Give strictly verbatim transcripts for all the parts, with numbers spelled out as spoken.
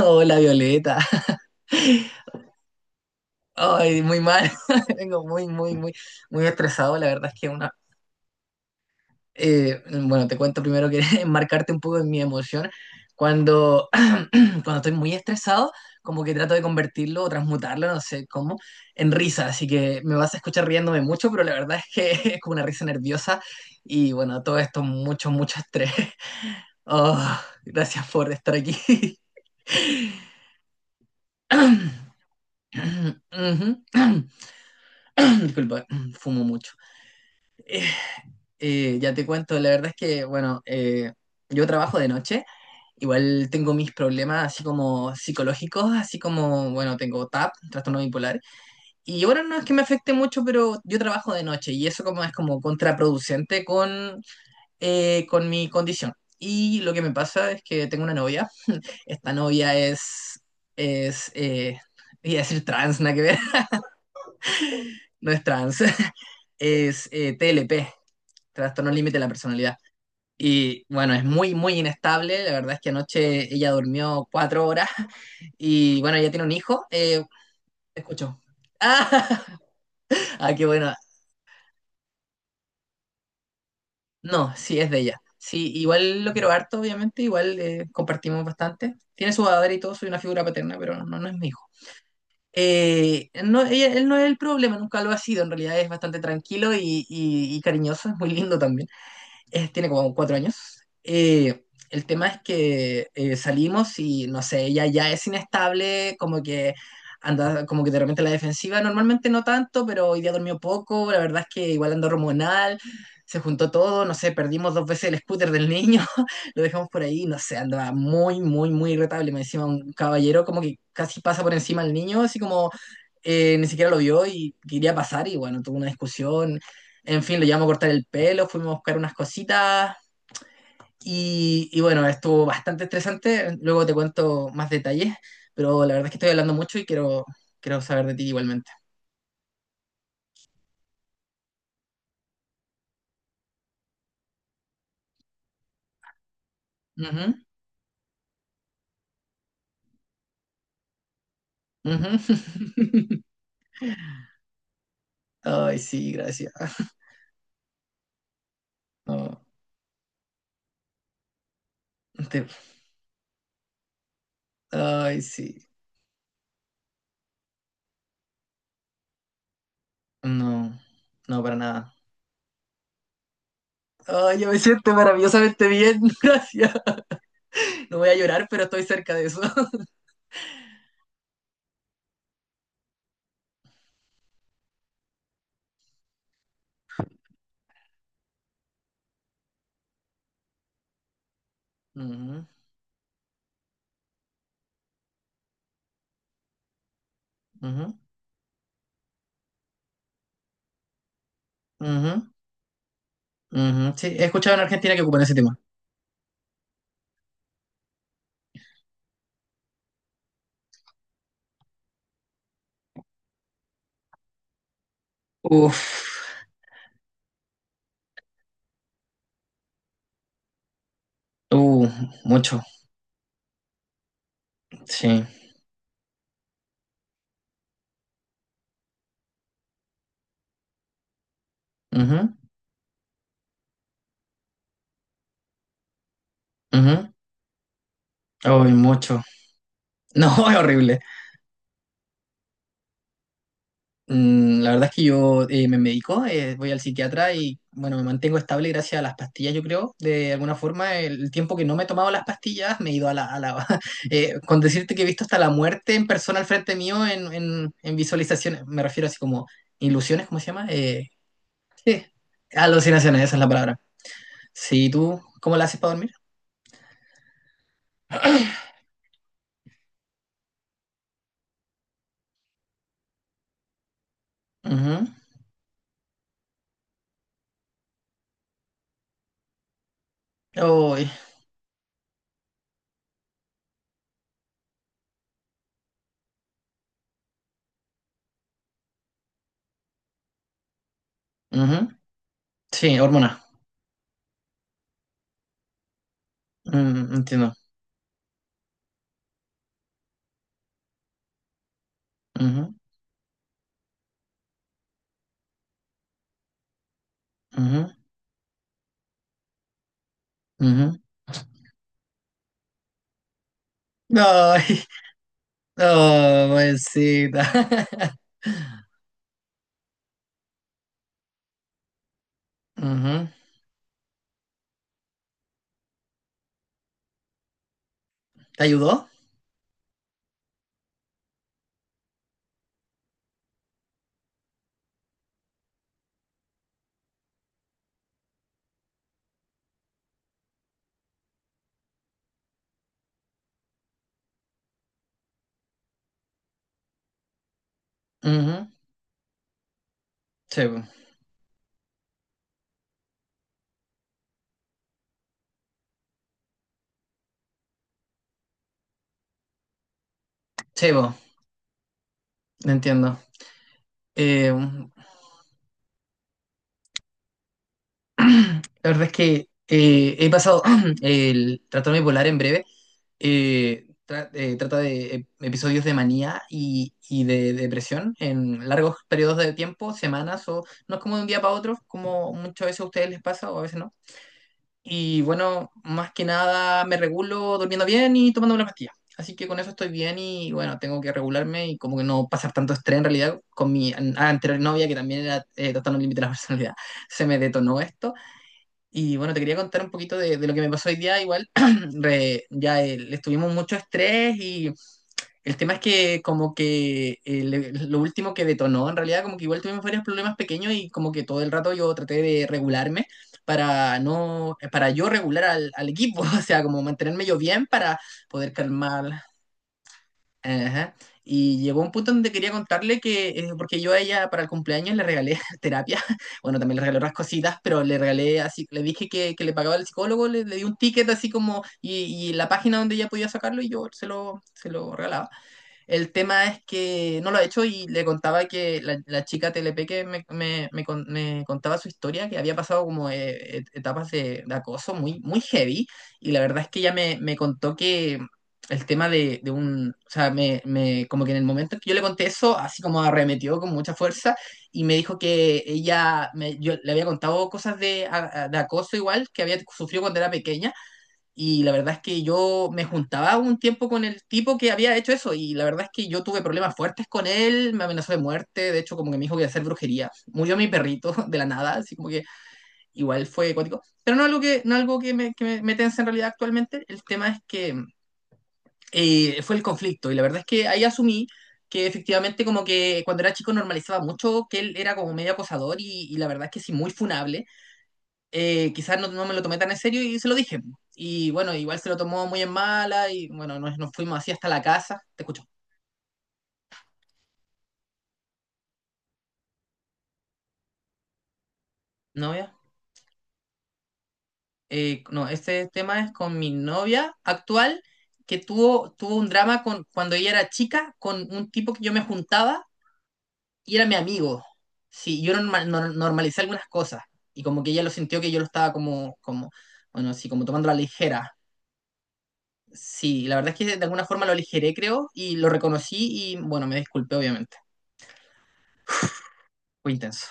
Hola Violeta. Ay, muy mal. Vengo muy, muy, muy, muy estresado. La verdad es que una. Eh, bueno, te cuento primero que enmarcarte un poco en mi emoción. Cuando, cuando estoy muy estresado, como que trato de convertirlo o transmutarlo, no sé cómo, en risa. Así que me vas a escuchar riéndome mucho, pero la verdad es que es como una risa nerviosa. Y bueno, todo esto, mucho, mucho estrés. Oh, gracias por estar aquí. Ujú. Disculpa, fumo mucho. Eh, eh, ya te cuento, la verdad es que, bueno, eh, yo trabajo de noche, igual tengo mis problemas así como psicológicos, así como, bueno, tengo T A P, trastorno bipolar, y bueno, no es que me afecte mucho, pero yo trabajo de noche y eso como es como contraproducente con, eh, con mi condición. Y lo que me pasa es que tengo una novia, esta novia es, es, eh, iba a decir trans, nada que ver, no es trans, es eh, T L P. Trastorno límite de la personalidad. Y bueno, es muy, muy inestable. La verdad es que anoche ella durmió cuatro horas. Y bueno, ella tiene un hijo. Eh, te escucho. Ah, ah, qué bueno. No, sí, es de ella. Sí, igual lo quiero harto, obviamente, igual eh, compartimos bastante. Tiene su padre y todo, soy una figura paterna, pero no, no es mi hijo. Eh, no, ella- él no es el problema, nunca lo ha sido, en realidad es bastante tranquilo y, y y cariñoso, es muy lindo también. Eh, tiene como cuatro años. Eh, el tema es que eh, salimos y no sé, ella ya es inestable, como que anda, como que de repente la defensiva, normalmente no tanto, pero hoy día dormió poco, la verdad es que igual anda hormonal, se juntó todo, no sé, perdimos dos veces el scooter del niño, lo dejamos por ahí, no sé, andaba muy, muy, muy irritable, me encima un caballero como que casi pasa por encima al niño, así como eh, ni siquiera lo vio y quería pasar y bueno, tuvo una discusión, en fin, lo llevamos a cortar el pelo, fuimos a buscar unas cositas y, y bueno, estuvo bastante estresante. Luego te cuento más detalles, pero la verdad es que estoy hablando mucho y quiero, quiero saber de ti igualmente. Ujú, ujú. Ay, sí, gracias. No, te- Ay, sí. No, no, para nada. Ay, yo me siento maravillosamente bien, gracias. No voy a llorar, pero estoy cerca de eso. Ujú, ujú, ujú, ujú. Sí, he escuchado en Argentina que ocupan ese tema. Uf. Uh, Mucho, sí. Ujú, ujú. Ay, mucho. No, es horrible. Mm, la verdad es que yo eh, me medico, eh, voy al psiquiatra y bueno, me mantengo estable gracias a las pastillas, yo creo. De alguna forma, el tiempo que no me he tomado las pastillas, me he ido a la... a la- eh, con decirte que he visto hasta la muerte en persona al frente mío en, en, en visualizaciones, me refiero así como ilusiones, ¿cómo se llama? Eh, sí, alucinaciones, esa es la palabra. Sí, ¿tú cómo la haces para dormir? Ujú. Ay, ujú. Sí, hormonas. Mm, entiendo. Ujú, ujú, ujú. Ay, no, pobrecita. Ujú. ¿Te ayudó? Ujú. Sí, po. Sí, po, entiendo. Eh, la verdad es que eh, he pasado el trastorno bipolar en breve. Eh, tra- eh, trata de ep- episodios de manía y, y de depresión en largos periodos de tiempo, semanas, o no es como de un día para otro, como muchas veces a ustedes les pasa o a veces no. Y bueno, más que nada me regulo durmiendo bien y tomando una pastilla. Así que con eso estoy bien y bueno, tengo que regularme y como que no pasar tanto estrés en realidad con mi an- anterior novia que también era eh, tratando el límite de la personalidad. Se me detonó esto. Y bueno, te quería contar un poquito de, de lo que me pasó hoy día. Igual, re- ya eh, estuvimos mucho estrés y el tema es que como que eh, le- lo último que detonó en realidad como que igual tuvimos varios problemas pequeños y como que todo el rato yo traté de regularme para no eh, para yo regular al, al equipo, o sea, como mantenerme yo bien para poder calmar. Ajá. Y llegó un punto donde quería contarle que eh, porque yo a ella para el cumpleaños le regalé terapia, bueno, también le regalé otras cositas, pero le regalé así, le dije que, que le pagaba el psicólogo, le, le di un ticket así como y, y la página donde ella podía sacarlo y yo se lo se lo regalaba. El tema es que no lo ha hecho y le contaba que la, la chica T L P que me, me- me con- me contaba su historia, que había pasado como eh, et- etapas de, de acoso muy, muy heavy y la verdad es que ella me, me contó que el tema de, de un, o sea, me, me- como que en el momento en que yo le conté eso, así como arremetió con mucha fuerza y me dijo que ella, me- yo le había contado cosas de, a- a- de acoso igual que había sufrido cuando era pequeña y la verdad es que yo me juntaba un tiempo con el tipo que había hecho eso y la verdad es que yo tuve problemas fuertes con él, me amenazó de muerte, de hecho como que me dijo que iba a hacer brujería. Murió mi perrito de la nada, así como que igual fue cuático. Pero no algo que, no algo que me, que me, me tensa en realidad actualmente, el tema es que eh, fue el conflicto y la verdad es que ahí asumí que efectivamente como que cuando era chico normalizaba mucho que él era como medio acosador y, y la verdad es que sí, muy funable eh, quizás no, no me lo tomé tan en serio y se lo dije. Y bueno, igual se lo tomó muy en mala y bueno, nos, nos fuimos así hasta la casa. Te escucho, novia. Eh, no, este tema es con mi novia actual que tuvo, tuvo un drama con, cuando ella era chica con un tipo que yo me juntaba y era mi amigo. Sí, yo normal- nor- normalicé algunas cosas y como que ella lo sintió que yo lo estaba como, como, bueno, así como tomando la ligera. Sí, la verdad es que de alguna forma lo aligeré, creo, y lo reconocí y bueno, me disculpé, obviamente. Fue intenso.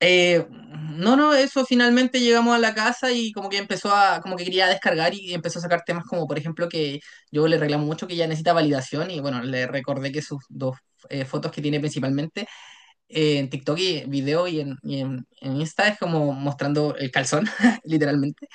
Eh, no, no, eso finalmente llegamos a la casa y como que empezó a, como que quería descargar y empezó a sacar temas como, por ejemplo, que yo le reclamo mucho que ella necesita validación y bueno, le recordé que sus dos eh, fotos que tiene principalmente eh, en TikTok y video y en, y en, en Insta es como mostrando el calzón, literalmente.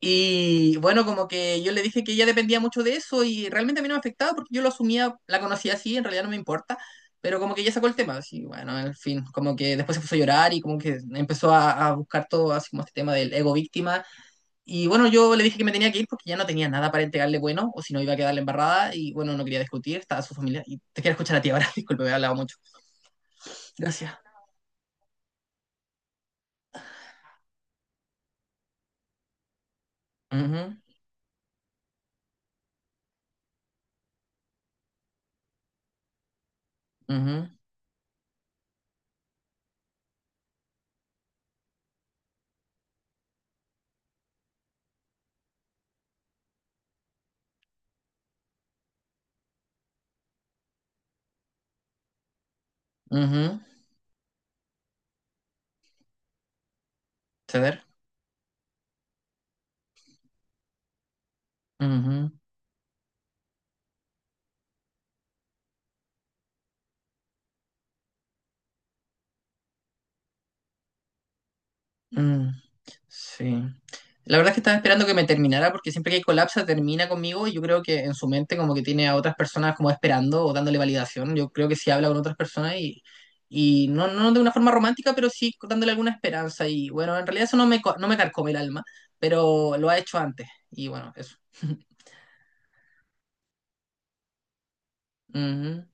Y bueno, como que yo le dije que ella dependía mucho de eso y realmente a mí no me afectaba porque yo lo asumía, la conocía así, en realidad no me importa, pero como que ella sacó el tema, así, bueno, en fin, como que después se puso a llorar y como que empezó a, a buscar todo, así como este tema del ego víctima. Y bueno, yo le dije que me tenía que ir porque ya no tenía nada para entregarle bueno o si no iba a quedarle embarrada y bueno, no quería discutir, estaba su familia. Y te quiero escuchar a ti ahora, disculpe, he hablado mucho. Gracias. Mhm. Mhm. Mhm. Ceder. Ujú. Mm, sí. La verdad es que estaba esperando que me terminara porque siempre que hay colapsa termina conmigo y yo creo que en su mente como que tiene a otras personas como esperando o dándole validación. Yo creo que sí habla con otras personas y, y no, no de una forma romántica, pero sí dándole alguna esperanza. Y bueno, en realidad eso no me, co- no me carcome el alma, pero lo ha hecho antes. Y bueno, eso. Ujú.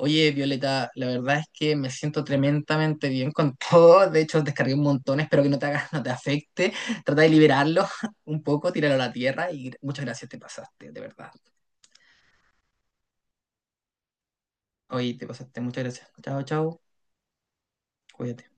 Oye, Violeta, la verdad es que me siento tremendamente bien con todo. De hecho, descargué un montón, espero que no te hagas, no te afecte. Trata de liberarlo un poco, tíralo a la tierra y muchas gracias, te pasaste, de verdad. Oye, te pasaste, muchas gracias. Chao, chao, cuídate.